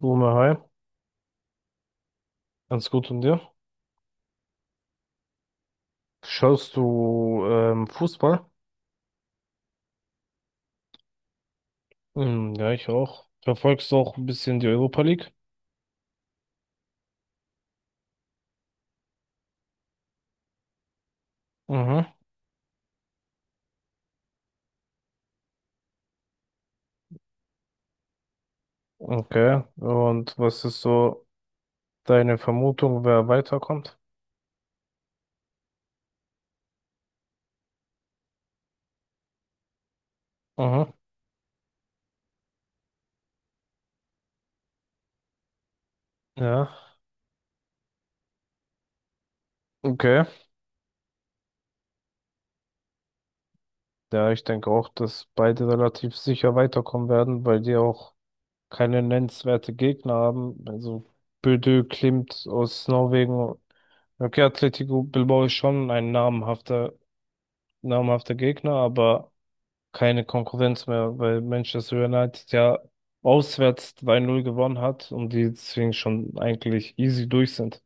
Boomer, hi, ganz gut und dir? Schaust du Fußball? Hm, ja, ich auch. Verfolgst du auch ein bisschen die Europa League? Mhm. Okay. Und was ist so deine Vermutung, wer weiterkommt? Mhm. Ja. Okay. Ja, ich denke auch, dass beide relativ sicher weiterkommen werden, weil die auch keine nennenswerte Gegner haben. Also Bodø Glimt aus Norwegen. Okay, Atletico Bilbao ist schon ein namhafter Gegner, aber keine Konkurrenz mehr, weil Manchester United ja auswärts 2 null gewonnen hat und die deswegen schon eigentlich easy durch sind.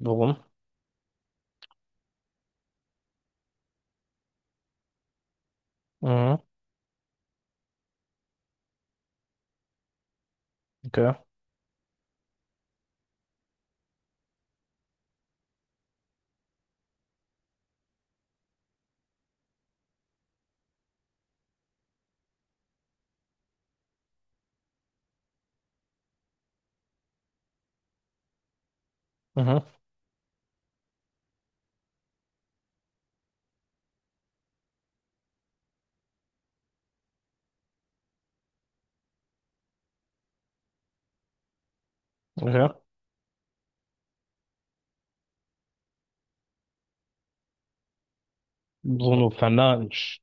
Warum? Mhm, okay. Mhm, okay. Bruno Fernandes.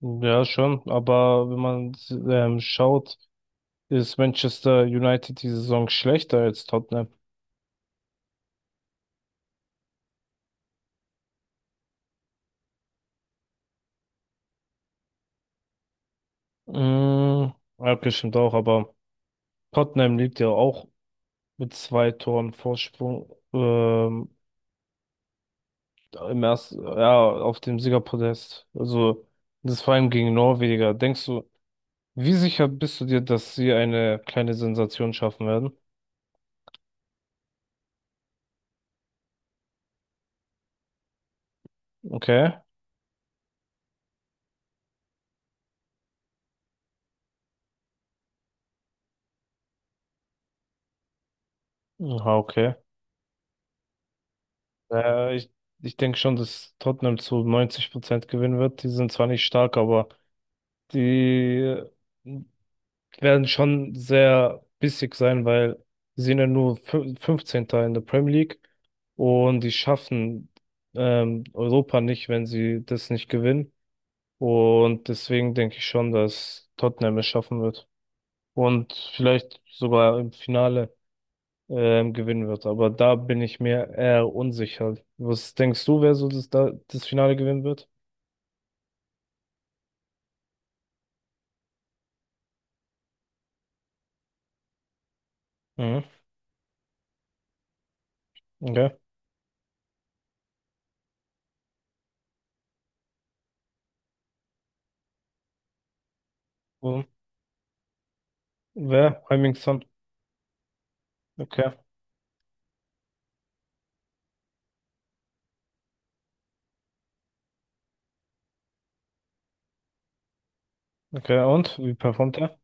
Ja, schon, aber wenn man schaut, ist Manchester United die Saison schlechter als Tottenham. Mhm, ja, okay, stimmt auch, aber Tottenham liegt ja auch mit 2 Toren Vorsprung. Ähm, Im ersten, ja, auf dem Siegerpodest. Also, das vor allem gegen Norweger. Denkst du, wie sicher bist du dir, dass sie eine kleine Sensation schaffen werden? Okay. Aha, okay. Äh, ich ich denke schon, dass Tottenham zu 90% gewinnen wird. Die sind zwar nicht stark, aber die werden schon sehr bissig sein, weil sie sind ja nur 15. in der Premier League und die schaffen Europa nicht, wenn sie das nicht gewinnen. Und deswegen denke ich schon, dass Tottenham es schaffen wird. Und vielleicht sogar im Finale gewinnen wird. Aber da bin ich mir eher unsicher. Was denkst du, wer so das Finale gewinnen wird? Mhm. Okay. Und wer? Heung-min Son. Okay. Okay. Und wie performt er?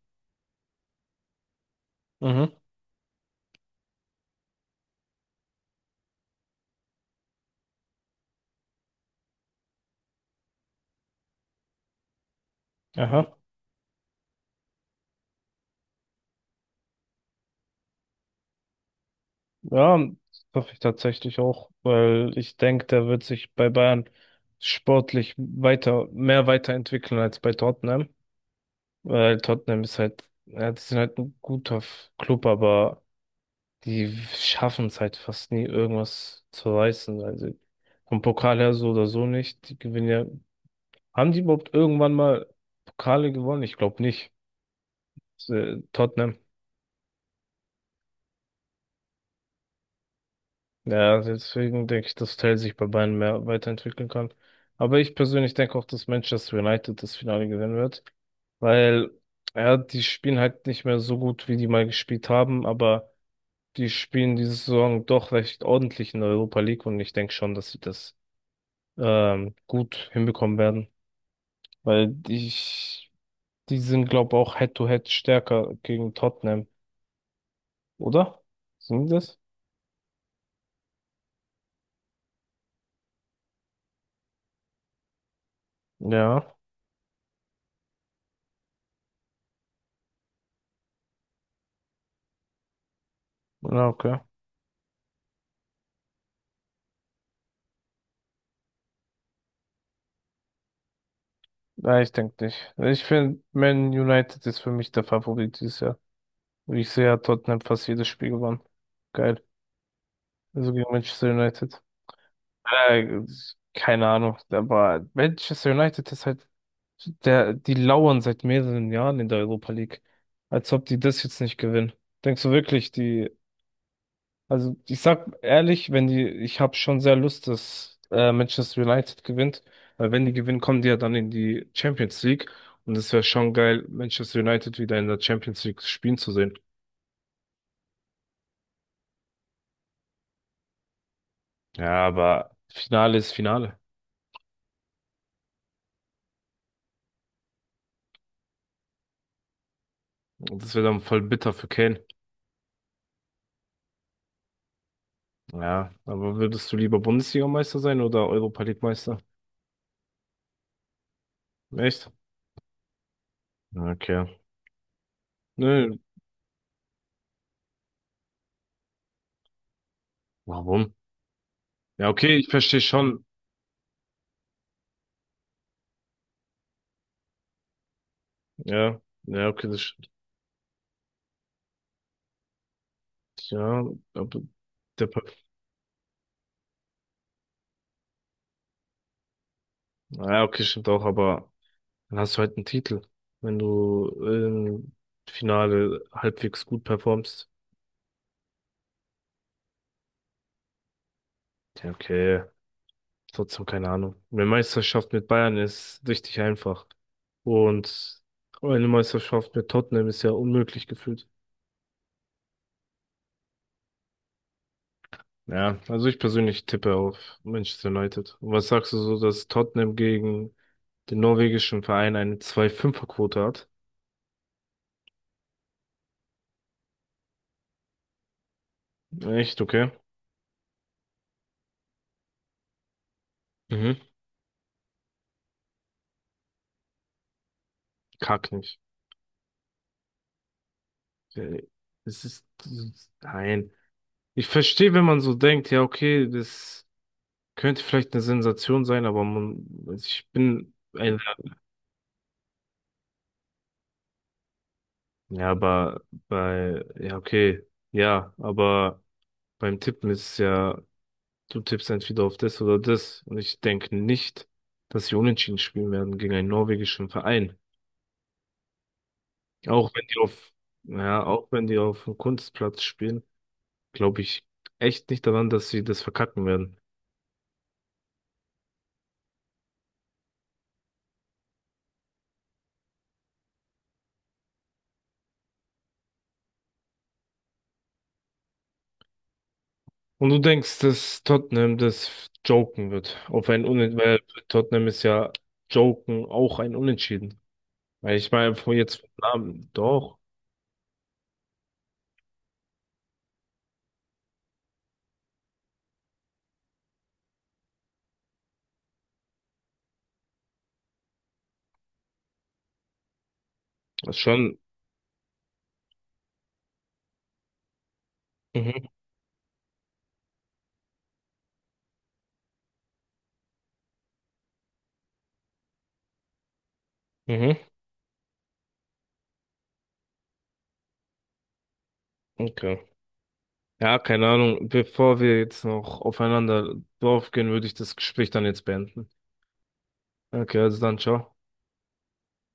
Mhm. Aha. Ja, das hoffe ich tatsächlich auch, weil ich denke, der wird sich bei Bayern sportlich mehr weiterentwickeln als bei Tottenham. Weil Tottenham ist halt, ja, die sind halt ein guter Club, aber die schaffen es halt fast nie, irgendwas zu reißen. Also vom Pokal her so oder so nicht. Die gewinnen ja. Haben die überhaupt irgendwann mal Pokale gewonnen? Ich glaube nicht. Tottenham. Ja, deswegen denke ich, dass Tell sich bei Bayern mehr weiterentwickeln kann. Aber ich persönlich denke auch, dass Manchester United das Finale gewinnen wird. Weil, ja, die spielen halt nicht mehr so gut, wie die mal gespielt haben, aber die spielen diese Saison doch recht ordentlich in der Europa League und ich denke schon, dass sie das gut hinbekommen werden, weil ich, die sind, glaube auch Head-to-Head stärker gegen Tottenham, oder? Sind die das? Ja, na okay. Nein, ich denke nicht. Ich finde, Man United ist für mich der Favorit dieses Jahr. Ich sehe ja Tottenham fast jedes Spiel gewonnen. Geil. Also gegen Manchester United. Äh, Keine Ahnung, aber Manchester United ist halt. Die lauern seit mehreren Jahren in der Europa League. Als ob die das jetzt nicht gewinnen. Denkst du wirklich, also ich sag ehrlich, wenn die, ich habe schon sehr Lust, dass Manchester United gewinnt, weil wenn die gewinnen, kommen die ja dann in die Champions League und es wäre schon geil, Manchester United wieder in der Champions League spielen zu sehen. Ja, aber Finale ist Finale. Und das wäre dann voll bitter für Kane. Ja, aber würdest du lieber Bundesliga-Meister sein oder Europa League-Meister? Echt? Okay. Nö, warum? Ja, okay, ich verstehe schon. Ja, ja, okay, das stimmt. Ja, aber der, Pa- ja, okay, stimmt auch, aber dann hast du halt einen Titel, wenn du im Finale halbwegs gut performst. Ja, okay, trotzdem keine Ahnung. Eine Meisterschaft mit Bayern ist richtig einfach. Und eine Meisterschaft mit Tottenham ist ja unmöglich gefühlt. Ja, also ich persönlich tippe auf Manchester United. Und was sagst du so, dass Tottenham gegen den norwegischen Verein eine 2,5er-Quote hat? Echt, okay. Mhm. Kack nicht. Äh, nein. Ich verstehe, wenn man so denkt, ja, okay, das könnte vielleicht eine Sensation sein, ja, ja, okay, ja, aber beim Tippen ist es ja, du tippst entweder auf das oder das und ich denke nicht, dass sie unentschieden spielen werden gegen einen norwegischen Verein. Auch wenn die auf, ja, auch wenn die auf dem Kunstplatz spielen. Glaube ich echt nicht daran, dass sie das verkacken werden. Und du denkst, dass Tottenham das joken wird. Auf ein Unentschieden, weil Tottenham ist ja joken auch ein Unentschieden. Weil ich meine, vor jetzt vom Namen, doch, ist schon. Mhm, mhm, okay. Ja, keine Ahnung. Bevor wir jetzt noch aufeinander draufgehen, würde ich das Gespräch dann jetzt beenden. Okay, also dann, ciao.